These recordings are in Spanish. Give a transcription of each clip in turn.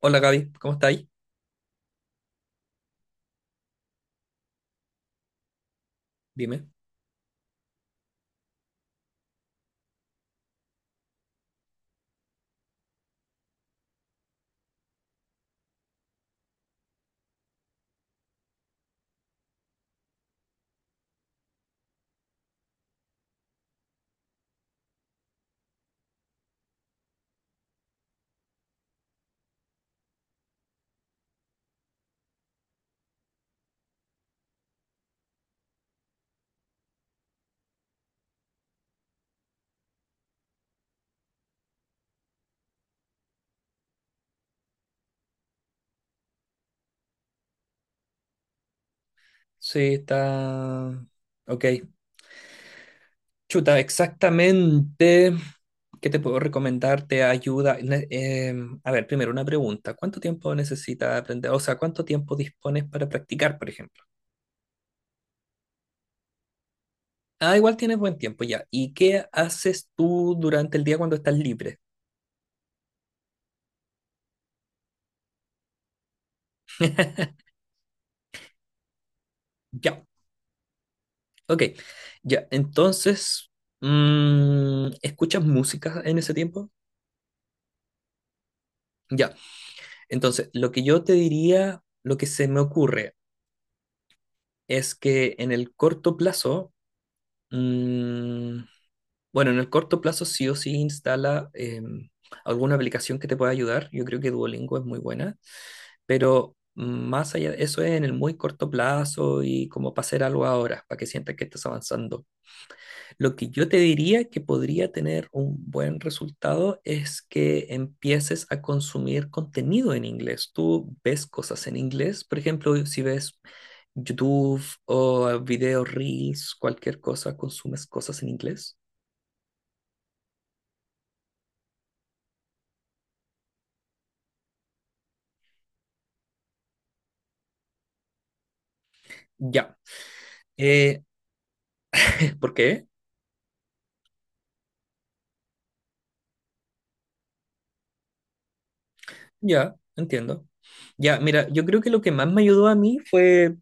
Hola Gaby, ¿cómo estáis? Dime. Sí, está... Ok. Chuta, exactamente. ¿Qué te puedo recomendar? ¿Te ayuda? A ver, primero una pregunta. ¿Cuánto tiempo necesitas aprender? O sea, ¿cuánto tiempo dispones para practicar, por ejemplo? Ah, igual tienes buen tiempo ya. ¿Y qué haces tú durante el día cuando estás libre? Ya, ok. Ya, entonces, ¿escuchas música en ese tiempo? Ya. Entonces, lo que yo te diría, lo que se me ocurre es que en el corto plazo, mm, bueno, en el corto plazo sí o sí instala alguna aplicación que te pueda ayudar. Yo creo que Duolingo es muy buena, pero más allá de eso es en el muy corto plazo y como para hacer algo ahora, para que sientas que estás avanzando. Lo que yo te diría que podría tener un buen resultado es que empieces a consumir contenido en inglés. Tú ves cosas en inglés, por ejemplo, si ves YouTube o videos reels, cualquier cosa, consumes cosas en inglés. Ya. Eh, ¿Por qué? Ya, entiendo. Ya, mira, yo creo que lo que más me ayudó a mí fue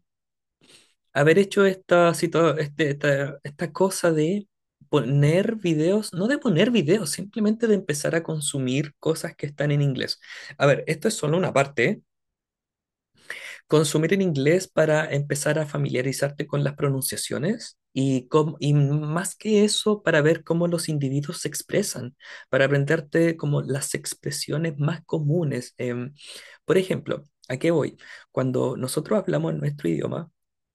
haber hecho esta, situa- este- esta cosa de poner videos, no de poner videos, simplemente de empezar a consumir cosas que están en inglés. A ver, esto es solo una parte, ¿eh? Consumir en inglés para empezar a familiarizarte con las pronunciaciones y, y más que eso, para ver cómo los individuos se expresan, para aprenderte como las expresiones más comunes. Por ejemplo, ¿a qué voy? Cuando nosotros hablamos en nuestro idioma,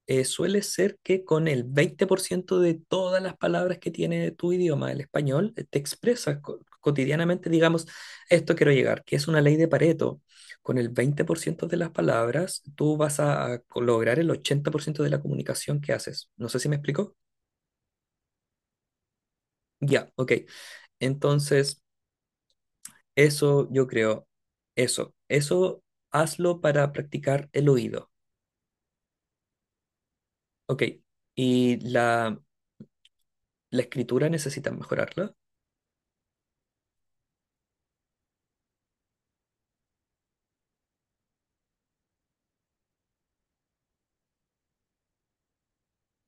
suele ser que con el 20% de todas las palabras que tiene tu idioma, el español, te expresas cotidianamente, digamos, esto quiero llegar, que es una ley de Pareto con el 20% de las palabras, tú vas a lograr el 80% de la comunicación que haces. No sé si me explico. Ya, ok. Entonces, eso yo creo, eso hazlo para practicar el oído. Ok. Y la escritura necesitas mejorarla.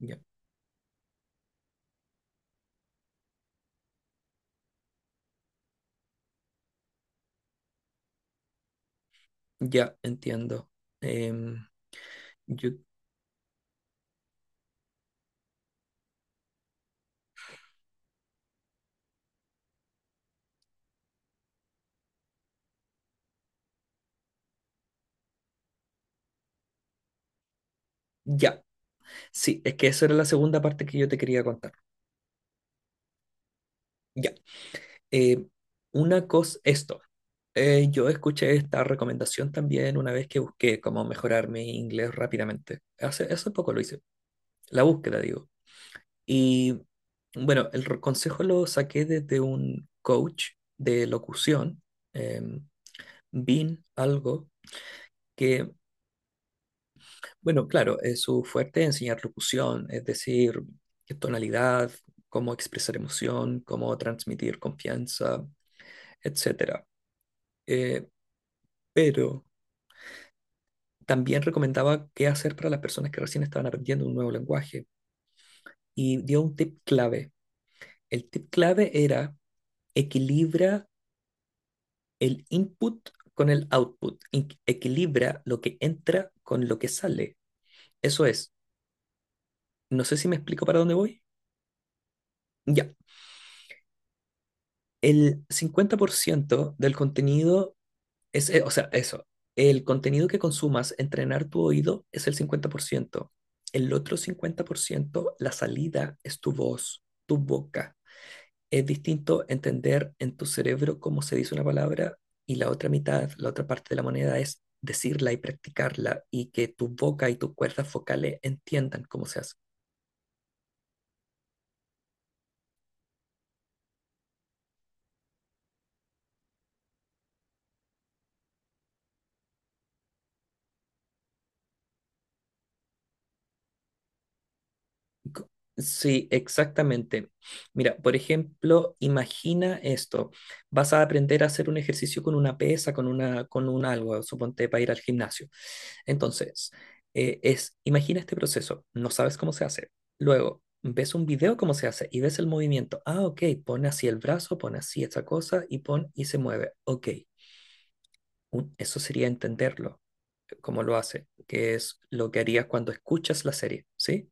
Ya, ya, entiendo. Em, yo- ya, sí, es que esa era la segunda parte que yo te quería contar. Ya. Eh, una cosa, esto. Yo escuché esta recomendación también una vez que busqué cómo mejorar mi inglés rápidamente. Hace poco lo hice, la búsqueda, digo. Y bueno, el consejo lo saqué desde un coach de locución, em, Bean Algo, que, bueno, claro, es su fuerte es enseñar locución, es decir, qué tonalidad, cómo expresar emoción, cómo transmitir confianza, etcétera. Eh, pero también recomendaba qué hacer para las personas que recién estaban aprendiendo un nuevo lenguaje y dio un tip clave. El tip clave era equilibra el input con el output, equilibra lo que entra con lo que sale. Eso es, no sé si me explico para dónde voy. Ya, el 50% del contenido es, o sea, eso, el contenido que consumas, entrenar tu oído es el 50%. El otro 50%, la salida es tu voz, tu boca. Es distinto entender en tu cerebro cómo se dice una palabra y la otra mitad, la otra parte de la moneda es decirla y practicarla y que tu boca y tus cuerdas focales entiendan cómo se hace. Co- Sí, exactamente. Mira, por ejemplo, imagina esto. Vas a aprender a hacer un ejercicio con una pesa, con un algo, suponte para ir al gimnasio. Entonces, imagina este proceso. No sabes cómo se hace. Luego, ves un video cómo se hace y ves el movimiento. Ah, ok, pon así el brazo, pon así esta cosa y pon y se mueve. Ok, eso sería entenderlo, cómo lo hace, que es lo que harías cuando escuchas la serie, ¿sí?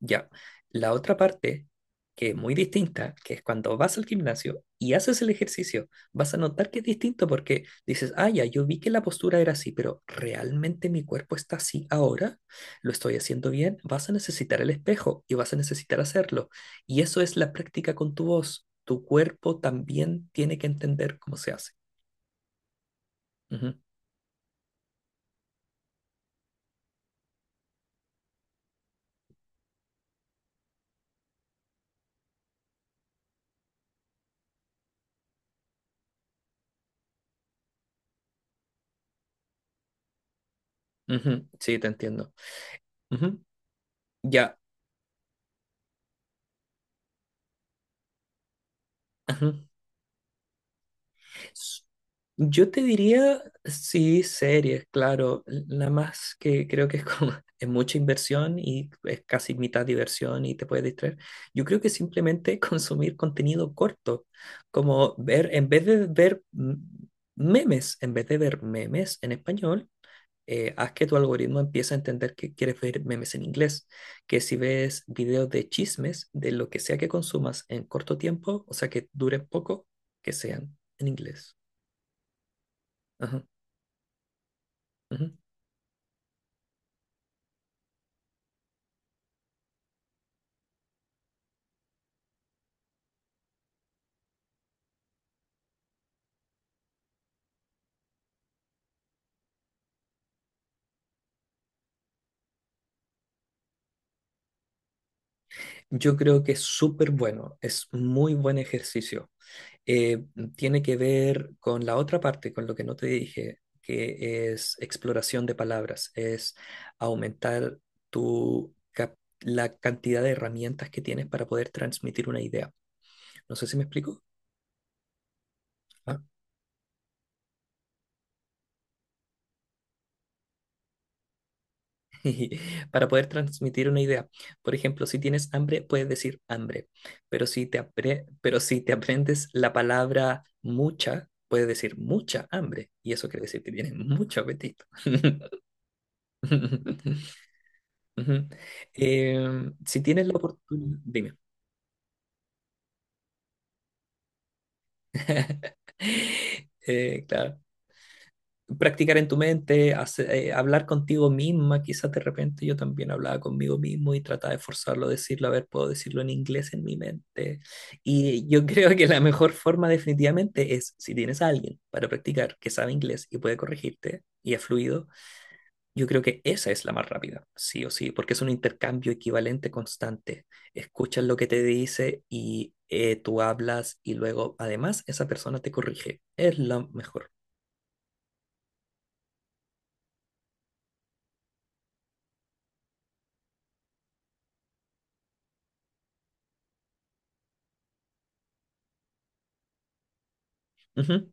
Ya. La otra parte, que es muy distinta, que es cuando vas al gimnasio y haces el ejercicio, vas a notar que es distinto porque dices, ah, ya, yo vi que la postura era así, pero ¿realmente mi cuerpo está así ahora? ¿Lo estoy haciendo bien? Vas a necesitar el espejo y vas a necesitar hacerlo. Y eso es la práctica con tu voz. Tu cuerpo también tiene que entender cómo se hace. Ujú, ujú, sí, te entiendo. Ujú, ya. Ujú. Yo te diría, sí, series, claro. La más que creo que es como es mucha inversión y es casi mitad diversión y te puedes distraer. Yo creo que simplemente consumir contenido corto, como ver, en vez de ver memes en español, haz que tu algoritmo empiece a entender que quieres ver memes en inglés. Que si ves videos de chismes, de lo que sea que consumas en corto tiempo, o sea que duren poco, que sean en inglés. Ajá, ujú. Yo creo que es súper bueno, es muy buen ejercicio. Eh, Tiene que ver con la otra parte, con lo que no te dije, que es exploración de palabras, es aumentar la cantidad de herramientas que tienes para poder transmitir una idea. No sé si me explico. Para poder transmitir una idea. Por ejemplo, si tienes hambre, puedes decir hambre, pero si te aprendes la palabra mucha, puedes decir mucha hambre, y eso quiere decir que tienes mucho apetito. Ujú. Si tienes la oportunidad, dime. Claro. Practicar en tu mente, hablar contigo misma, quizás de repente yo también hablaba conmigo mismo y trataba de forzarlo a decirlo, a ver, puedo decirlo en inglés en mi mente. Y yo creo que la mejor forma definitivamente es, si tienes a alguien para practicar que sabe inglés y puede corregirte y es fluido, yo creo que esa es la más rápida, sí o sí, porque es un intercambio equivalente constante. Escuchas lo que te dice y tú hablas y luego además esa persona te corrige. Es la mejor. Ujú.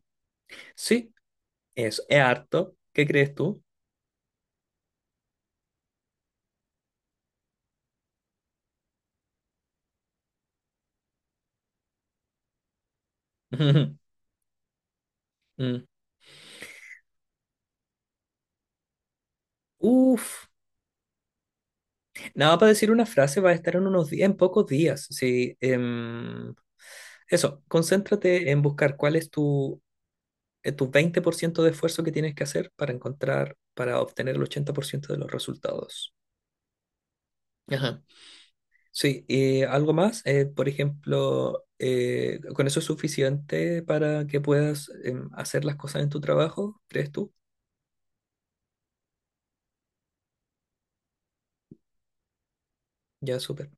Sí, eso, es harto. ¿Qué crees tú? Mm. Uf. Nada, para decir una frase va a estar en unos días, en pocos días. Sí, eso, concéntrate en buscar cuál es tu, tu 20% de esfuerzo que tienes que hacer para encontrar, para obtener el 80% de los resultados. Ajá. Sí, y algo más, por ejemplo, ¿con eso es suficiente para que puedas hacer las cosas en tu trabajo? ¿Crees tú? Ya, súper.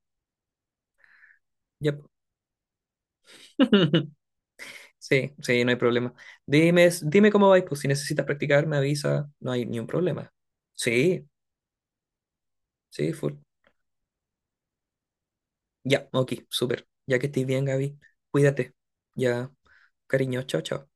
Ya. Sí, sí, no hay problema. Dime, dime cómo vais, pues si necesitas practicar, me avisa, no hay ni un problema. Sí, sí, full. Ya, ok, súper. Ya que estés bien, Gaby, cuídate. Ya, cariño, chao, chao.